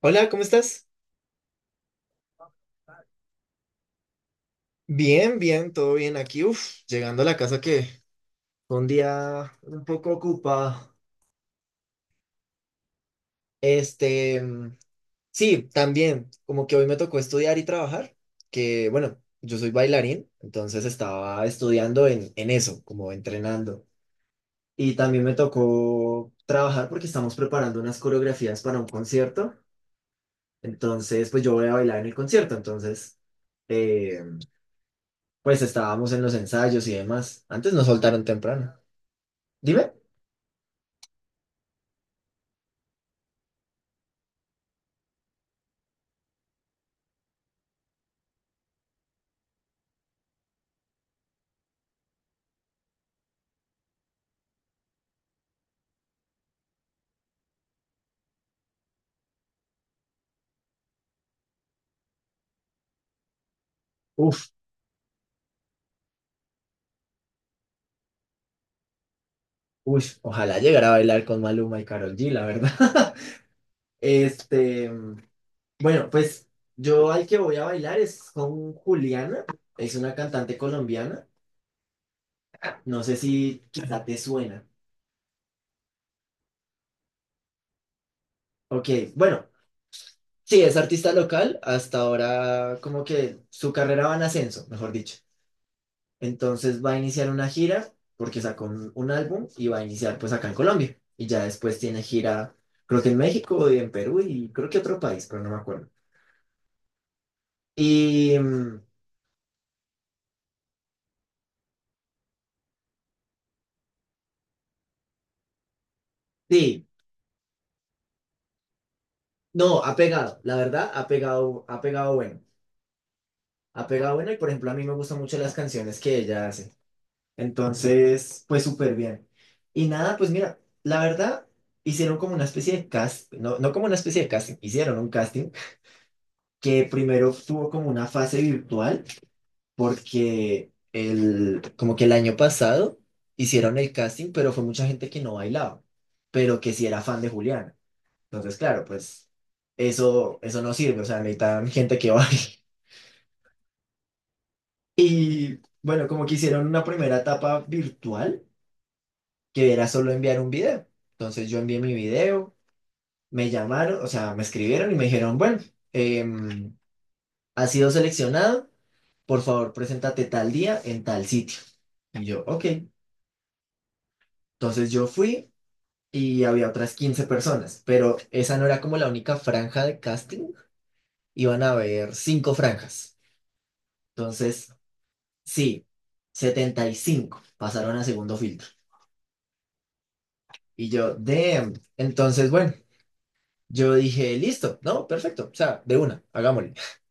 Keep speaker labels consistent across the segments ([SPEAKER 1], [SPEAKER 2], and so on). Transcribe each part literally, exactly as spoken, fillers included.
[SPEAKER 1] Hola, ¿cómo estás? Bien, bien, todo bien aquí. Uf, llegando a la casa que fue un día un poco ocupado. Este, mm, sí, también, como que hoy me tocó estudiar y trabajar, que bueno, yo soy bailarín, entonces estaba estudiando en, en eso, como entrenando. Y también me tocó trabajar porque estamos preparando unas coreografías para un concierto. Entonces, pues yo voy a bailar en el concierto, entonces, eh, pues estábamos en los ensayos y demás. Antes nos soltaron temprano. Dime. Uf, uy, ojalá llegara a bailar con Maluma y Karol G, la verdad. Este, bueno, pues yo al que voy a bailar es con Juliana, es una cantante colombiana. No sé si quizá te suena. Ok, bueno, sí, es artista local, hasta ahora como que su carrera va en ascenso, mejor dicho. Entonces va a iniciar una gira porque sacó un, un álbum y va a iniciar pues acá en Colombia. Y ya después tiene gira, creo que en México y en Perú y creo que otro país, pero no me acuerdo. Y mm, sí, no, ha pegado, la verdad, ha pegado, ha pegado bueno, ha pegado bueno y por ejemplo a mí me gustan mucho las canciones que ella hace, entonces pues súper bien. Y nada, pues mira, la verdad hicieron como una especie de cast, no, no como una especie de casting, hicieron un casting que primero tuvo como una fase virtual porque el, como que el año pasado hicieron el casting, pero fue mucha gente que no bailaba, pero que sí era fan de Julián. Entonces, claro, pues eso, eso no sirve, o sea, necesitan gente que baile. Y bueno, como que hicieron una primera etapa virtual, que era solo enviar un video. Entonces yo envié mi video, me llamaron, o sea, me escribieron y me dijeron, bueno, em, has sido seleccionado, por favor, preséntate tal día en tal sitio. Y yo, ok. Entonces yo fui y había otras quince personas, pero esa no era como la única franja de casting, iban a haber cinco franjas. Entonces sí, setenta y cinco pasaron a segundo filtro. Y yo, damn. Entonces, bueno, yo dije, listo, no, perfecto. O sea, de una, hagámosle.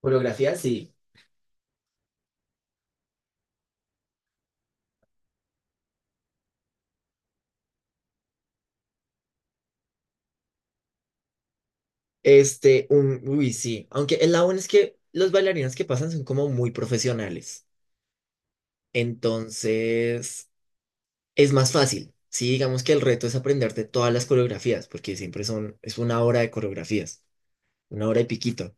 [SPEAKER 1] Coreografía, sí. Este, un, uy, sí. Aunque el lado bueno es que los bailarines que pasan son como muy profesionales. Entonces, es más fácil. Sí, digamos que el reto es aprenderte todas las coreografías, porque siempre son, es una hora de coreografías, una hora y piquito.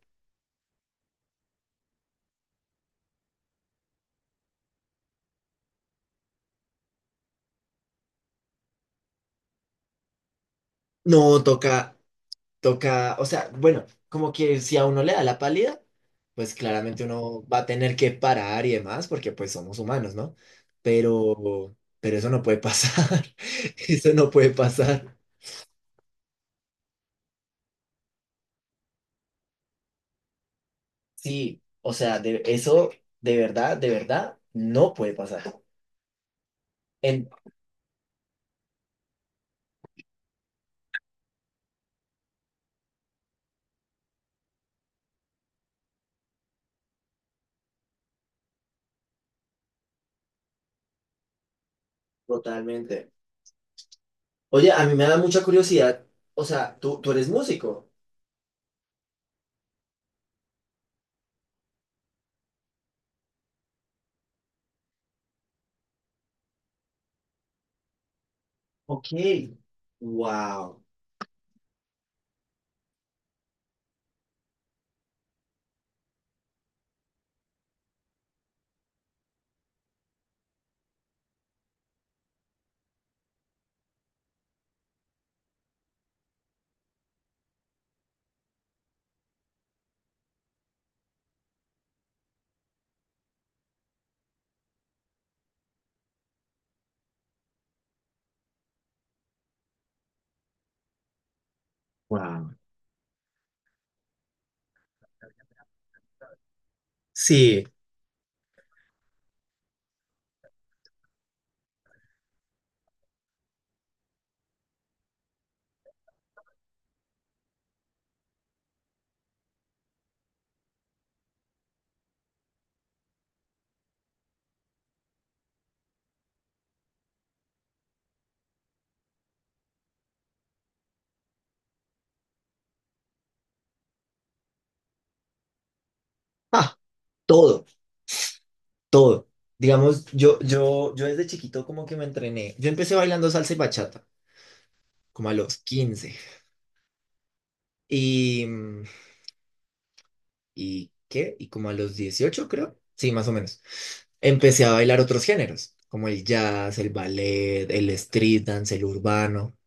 [SPEAKER 1] No, toca Toca, o sea, bueno, como que si a uno le da la pálida, pues claramente uno va a tener que parar y demás, porque pues somos humanos, ¿no? Pero, pero eso no puede pasar, eso no puede pasar. Sí, o sea, de, eso de verdad, de verdad, no puede pasar. En, Totalmente. Oye, a mí me da mucha curiosidad, o sea, tú, tú eres músico. Ok. Wow. Wow. Sí. Ah, todo. Todo. Digamos, yo, yo, yo desde chiquito como que me entrené. Yo empecé bailando salsa y bachata, como a los quince. Y, mm, ¿Y qué? Y como a los dieciocho creo. Sí, más o menos. Empecé a bailar otros géneros, como el jazz, el ballet, el street dance, el urbano.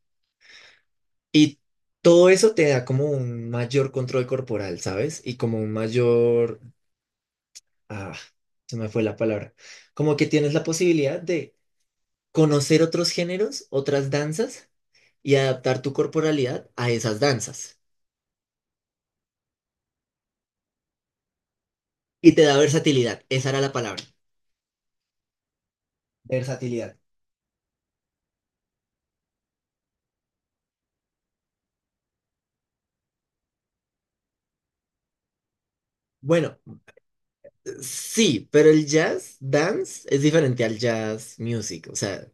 [SPEAKER 1] Y todo eso te da como un mayor control corporal, ¿sabes? Y como un mayor... Ah, se me fue la palabra. Como que tienes la posibilidad de conocer otros géneros, otras danzas y adaptar tu corporalidad a esas danzas. Y te da versatilidad, esa era la palabra, versatilidad. Bueno, sí, pero el jazz dance es diferente al jazz music. O sea,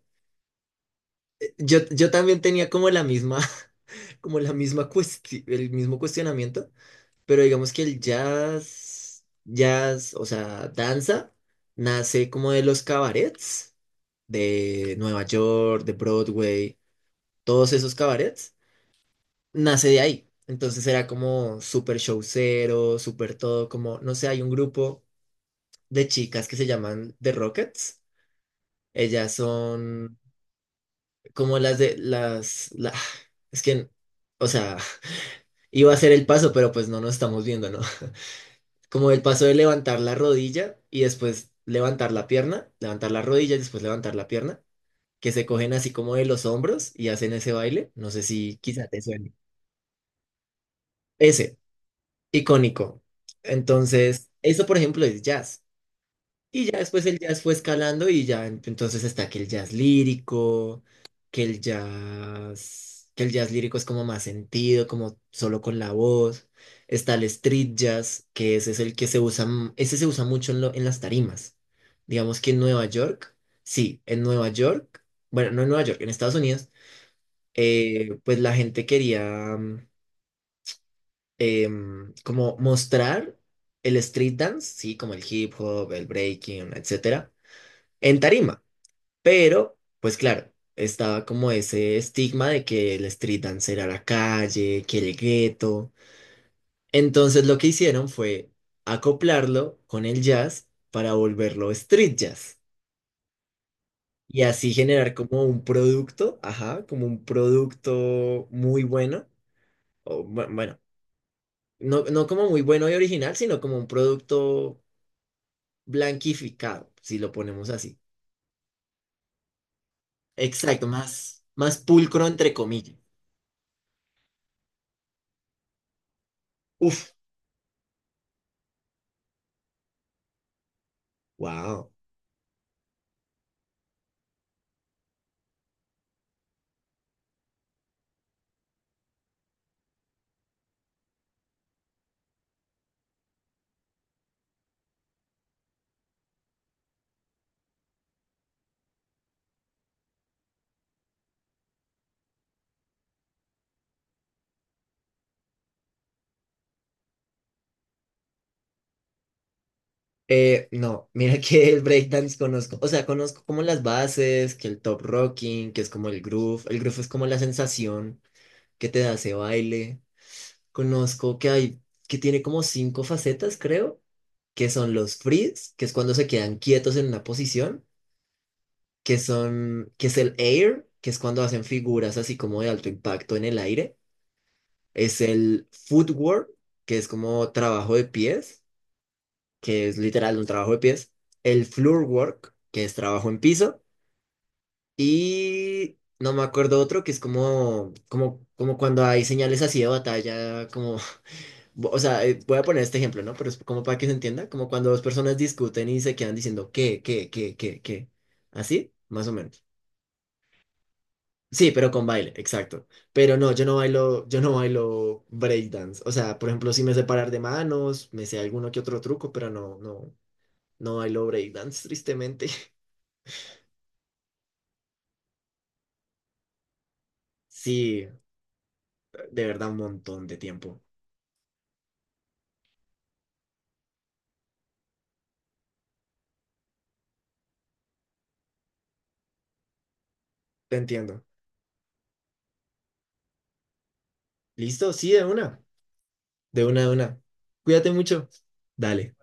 [SPEAKER 1] yo, yo también tenía como la misma, como la misma cuestión, el mismo cuestionamiento, pero digamos que el jazz, jazz, o sea, danza, nace como de los cabarets de Nueva York, de Broadway, todos esos cabarets nace de ahí. Entonces era como súper showcero, súper todo, como, no sé, hay un grupo de chicas que se llaman The Rockets. Ellas son como las de las... la- Es que, o sea, iba a ser el paso, pero pues no nos estamos viendo, ¿no? Como el paso de levantar la rodilla y después levantar la pierna, levantar la rodilla y después levantar la pierna, que se cogen así como de los hombros y hacen ese baile. No sé si quizá te suene. Ese. Icónico. Entonces, eso, por ejemplo, es jazz. Y ya después el jazz fue escalando y ya en- entonces está que el jazz lírico, que el jazz, que el jazz lírico es como más sentido, como solo con la voz. Está el street jazz, que ese es el que se usa, m- ese se usa mucho en, lo- en las tarimas. Digamos que en Nueva York, sí, en Nueva York, bueno, no en Nueva York, en Estados Unidos, eh, pues la gente quería mm, em, como mostrar el street dance, sí, como el hip hop, el breaking, etcétera, en tarima. Pero, pues claro, estaba como ese estigma de que el street dance era la calle, que el gueto. Entonces lo que hicieron fue acoplarlo con el jazz para volverlo street jazz. Y así generar como un producto, ajá, como un producto muy bueno, o bu- bueno, no, no como muy bueno y original, sino como un producto blanquificado, si lo ponemos así. Exacto, más, más pulcro entre comillas. Uf, wow. Eh, no, mira que el breakdance conozco, o sea, conozco como las bases, que el top rocking, que es como el groove, el groove es como la sensación que te da ese baile. Conozco que hay, que tiene como cinco facetas, creo, que son los freeze, que es cuando se quedan quietos en una posición, que son, que es el air, que es cuando hacen figuras así como de alto impacto en el aire, es el footwork, que es como trabajo de pies, que es literal un trabajo de pies, el floorwork, que es trabajo en piso, y no me acuerdo otro, que es como, como, como cuando hay señales así de batalla, como, o sea, eh, voy a poner este ejemplo, ¿no? Pero es como para que se entienda, como cuando dos personas discuten y se quedan diciendo, ¿qué, qué, qué, qué, qué? Así, más o menos. Sí, pero con baile, exacto. Pero no, yo no bailo, yo no bailo breakdance. O sea, por ejemplo, sí me sé parar de manos, me sé alguno que otro truco, pero no, no, no bailo breakdance, tristemente. Sí, de verdad, un montón de tiempo. Te entiendo. ¿Listo? Sí, de una. De una, de una. Cuídate mucho. Dale.